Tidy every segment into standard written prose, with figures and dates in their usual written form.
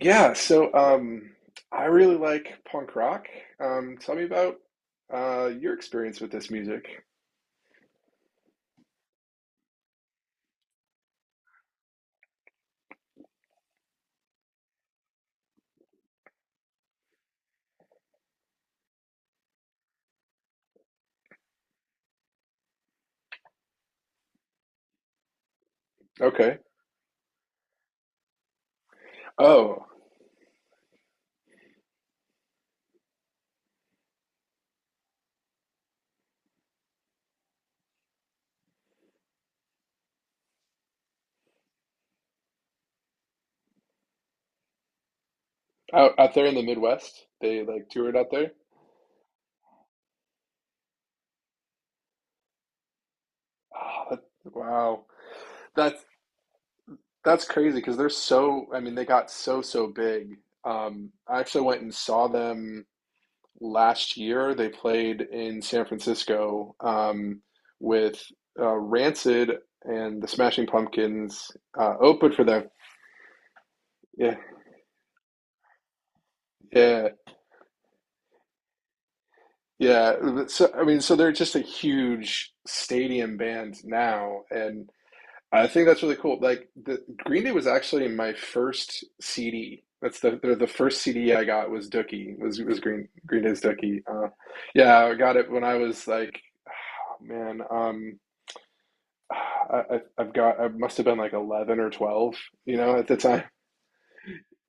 Yeah, so I really like punk rock. Tell me about your experience with this music. Okay. Oh, out there in the Midwest, they like toured out there. Oh, that, wow, that's crazy because they're so. I mean, they got so big. I actually went and saw them last year. They played in San Francisco with Rancid and the Smashing Pumpkins opened for them. Yeah, yeah. Yeah, so I mean, so they're just a huge stadium band now, and I think that's really cool. Like the Green Day was actually my first CD. That's the first CD I got was Dookie was Green Day's Dookie. Yeah, I got it when I was like, oh, man, I I've got I must have been like 11 or 12, you know, at the time.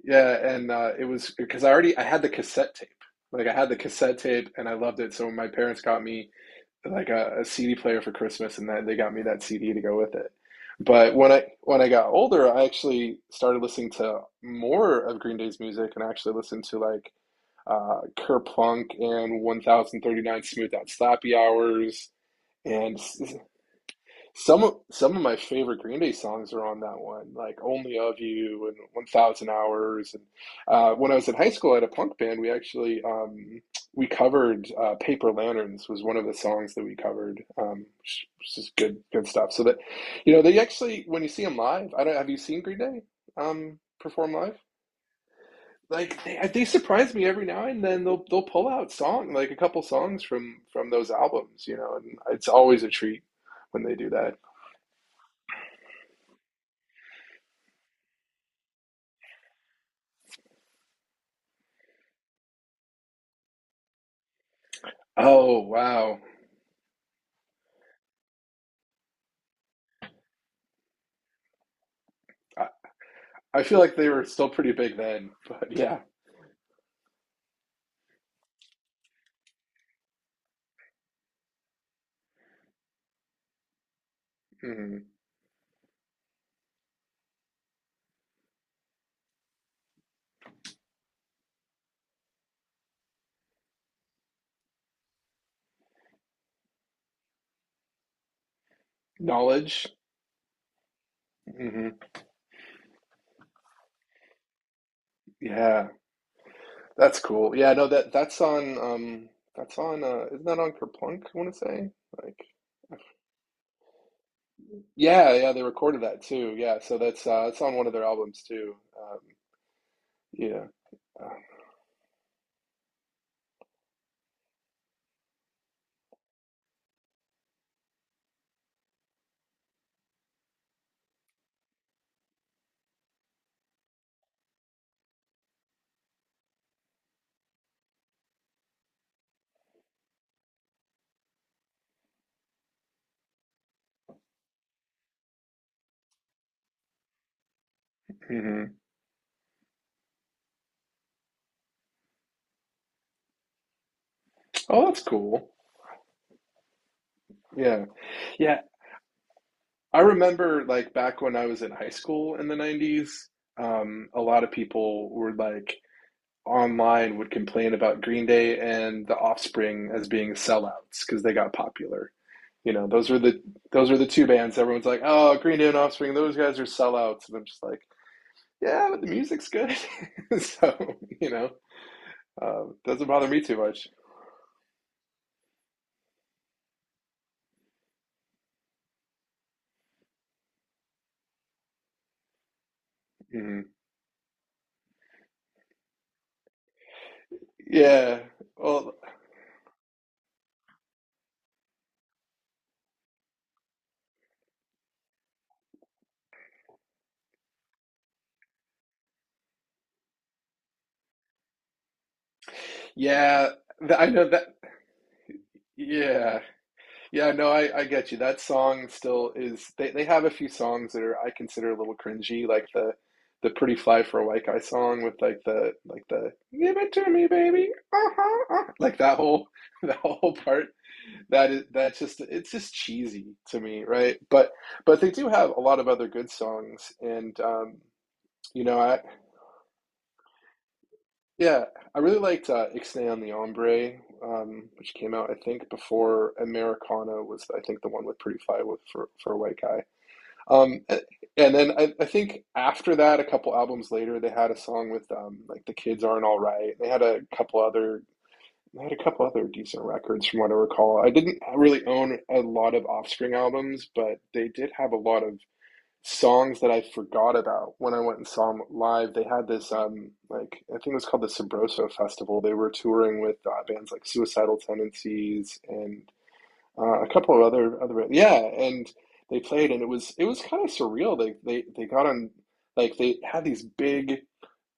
Yeah, and it was because I had the cassette tape. Like I had the cassette tape and I loved it. So when my parents got me, like, a CD player for Christmas, and that they got me that CD to go with it. But when I got older, I actually started listening to more of Green Day's music, and I actually listened to like Kerplunk and 1039 Smooth Out Slappy Hours and some of my favorite Green Day songs are on that one, like "Only of You" and "1,000 Hours." And when I was in high school, I had a punk band. We covered "Paper Lanterns" was one of the songs that we covered, which is good stuff. So that, they actually, when you see them live, I don't have you seen Green Day perform live? Like they surprise me every now and then. They'll pull out song like a couple songs from those albums, and it's always a treat when they do that. Oh, wow. I, I feel like they were still pretty big then, but yeah. Hmm. Knowledge. Hmm. Yeah. That's cool. Yeah, no, that that's on isn't that on Kerplunk, I want to say? Like Yeah, yeah, they recorded that too. Yeah, so that's it's on one of their albums too. Um yeah. Hmm. Oh, that's cool. Yeah. Yeah. I remember like back when I was in high school in the 90s, a lot of people were, like, online would complain about Green Day and The Offspring as being sellouts because they got popular. You know, those were the two bands. Everyone's like, "Oh, Green Day and Offspring, those guys are sellouts," and I'm just like, "Yeah, but the music's good." So, doesn't bother me too much. Mhm. Yeah. Well, yeah. I know that. Yeah. Yeah, no, I get you. That song still is they have a few songs that are I consider a little cringy, like the Pretty Fly for a White Guy song with, like, the give it to me, baby. Uh-huh, like that whole that whole part. That is that's just It's just cheesy to me, right? But they do have a lot of other good songs and you know I. Yeah, I really liked Ixnay on the Ombre, which came out, I think, before Americana was, I think, the one with Pretty Fly with, for a White Guy. Um, a- and then I think after that, a couple albums later, they had a song with like The Kids Aren't All Right. They had a couple other decent records from what I recall. I didn't really own a lot of Offspring albums, but they did have a lot of songs that I forgot about when I went and saw them live. They had this, like, I think it was called the Sabroso Festival. They were touring with bands like Suicidal Tendencies and a couple of other other yeah, and they played and it was kind of surreal. They got on, like, they had these big,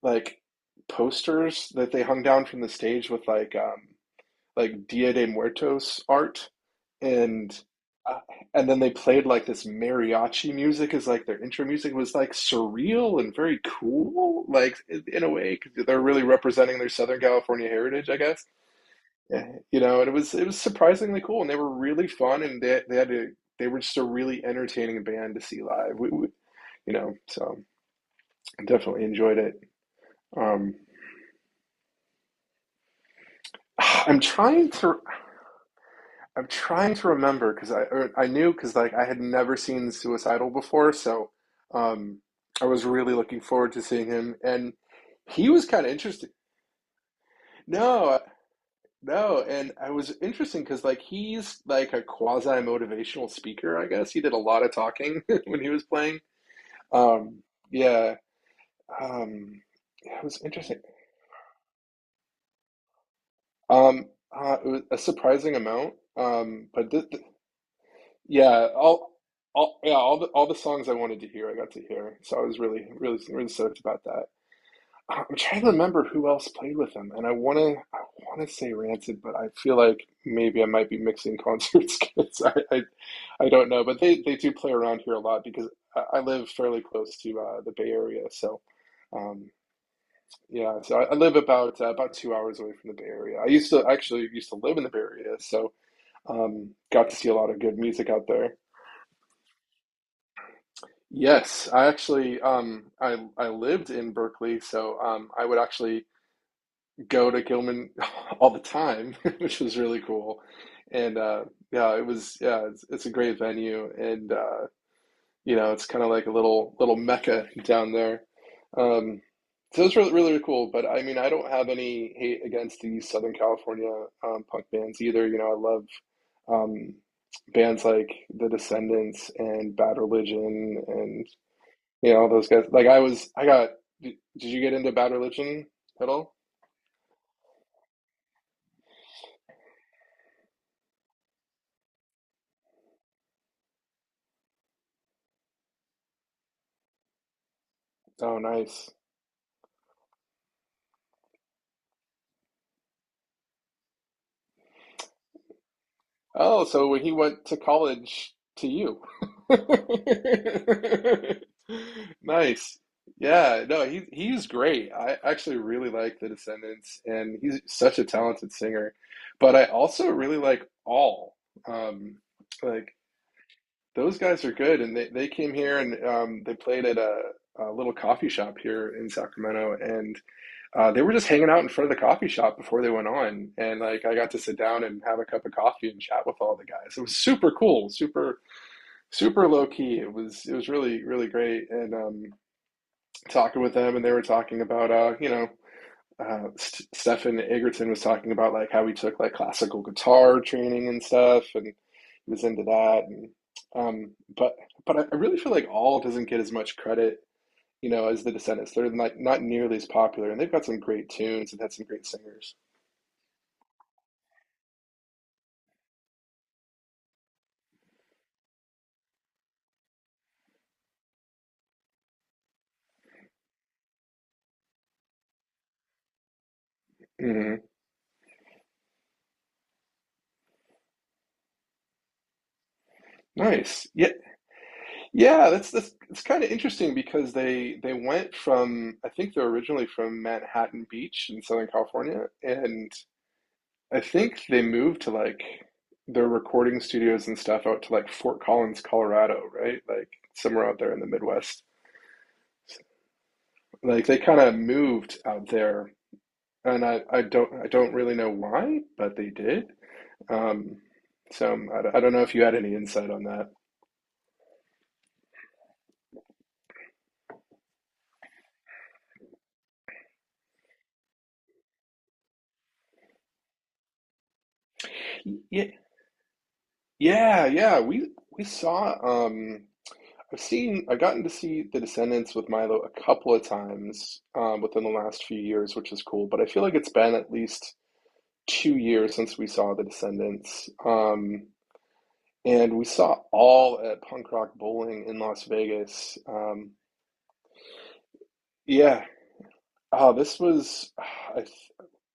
like, posters that they hung down from the stage with, like, like, Dia de Muertos art, and uh, and then they played like this mariachi music as like their intro music. It was like surreal and very cool, like, in a way, because they're really representing their Southern California heritage, I guess. Yeah, you know, and it was surprisingly cool, and they were really fun, and they were just a really entertaining band to see live. You know, so I definitely enjoyed it. Um, I'm trying to. I'm trying to remember because I knew because, like, I had never seen Suicidal before, so, um, I was really looking forward to seeing him, and he was kind of interesting. No, no, and I was interesting because, like, he's like a quasi motivational speaker, I guess. He did a lot of talking when he was playing. Um, yeah. um, yeah, it was interesting. Um, it was a surprising amount. Yeah, yeah, all the songs I wanted to hear, I got to hear. So I was really, really, really stoked about that. I'm trying to remember who else played with them, and I wanna say Rancid, but I feel like maybe I might be mixing concerts because I don't know. But they do play around here a lot because I live fairly close to the Bay Area, so. Um, yeah, so I live about about 2 hours away from the Bay Area. I used to actually used to live in the Bay Area, so got to see a lot of good music out there. Yes, I actually I lived in Berkeley, so I would actually go to Gilman all the time, which was really cool. And yeah, it's a great venue, and it's kind of like a little mecca down there. Um so it's really really really cool, but I mean, I don't have any hate against the Southern California punk bands either. You know, I love um bands like The Descendants and Bad Religion, yeah, all those guys. I got. Did you get into Bad Religion at all? Oh, nice. Oh, so when he went to college to you. Nice. Yeah, no, he's great. I actually really like The Descendants, and he's such a talented singer. But I also really like All. Um, like, those guys are good, and they came here, and they played at a little coffee shop here in Sacramento, and they were just hanging out in front of the coffee shop before they went on, and like I got to sit down and have a cup of coffee and chat with all the guys. It was super cool, super super low key. It was really really great, and talking with them, and they were talking about. Stefan Egerton was talking about, like, how he took like classical guitar training and stuff, and he was into that. And, um, but but I really feel like all doesn't get as much credit, you know, as the Descendants. They're not nearly as popular, and they've got some great tunes and had some great singers. Hmm. Nice. Yeah, yeah. That's It's kind of interesting because they went from, I think, they're originally from Manhattan Beach in Southern California, and I think they moved to like their recording studios and stuff out to like Fort Collins, Colorado, right? Like somewhere out there in the Midwest. Like they kind of moved out there, and I don't really know why, but they did. Um, so, I don't know if you had any insight on that. Yeah, yeah, yeah. We saw. Um, I've seen. I've gotten to see The Descendants with Milo a couple of times, within the last few years, which is cool. But I feel like it's been at least 2 years since we saw The Descendants. And we saw all at Punk Rock Bowling in Las Vegas. Yeah. Oh, this was. I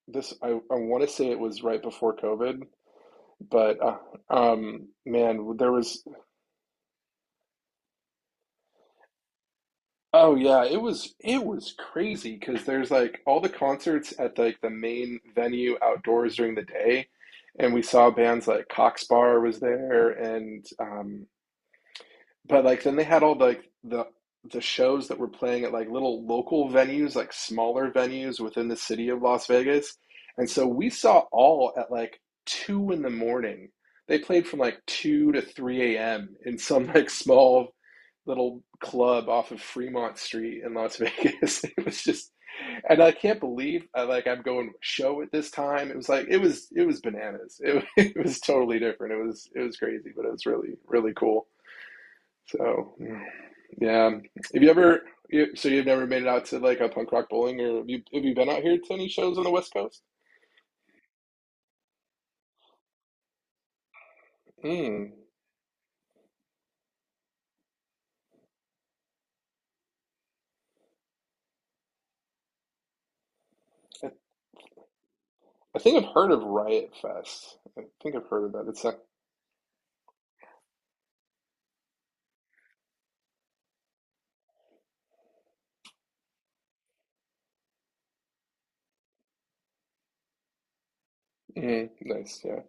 I want to say it was right before COVID. But man, there was oh yeah, it was crazy because there's, like, all the concerts at, like, the main venue outdoors during the day, and we saw bands like Cox Bar was there, and but, like, then they had all the, like, the shows that were playing at like little local venues, like smaller venues within the city of Las Vegas. And so we saw all at like 2 in the morning. They played from like 2 to 3 AM in some like small little club off of Fremont Street in Las Vegas. It was just And I can't believe, I'm going to a show at this time. It was like it was bananas. It was totally different. It was crazy, but it was really really cool. So, yeah. Have you ever? So you've never made it out to, like, a punk rock bowling, or have you? Have you been out here to any shows on the West Coast? Mm. I, I think I've heard of Riot Fest. I think I've heard of that. It's not. Nice. Yeah,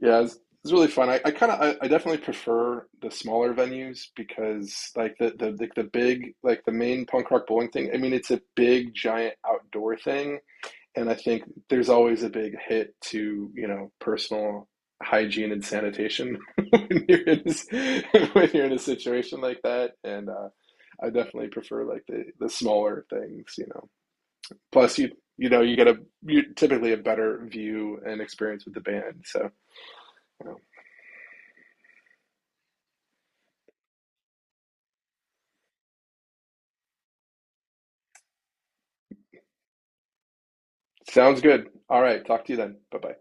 yeah. It's really fun. I kind of, I definitely prefer the smaller venues because, like, the big, like, the main punk rock bowling thing. I mean, it's a big giant outdoor thing. And I think there's always a big hit to, personal hygiene and sanitation when you're in this, when you're in a situation like that. And I definitely prefer like the smaller things, you know. Plus, you know, you get a you typically a better view and experience with the band. So, you know, sounds good. All right, talk to you then. Bye bye.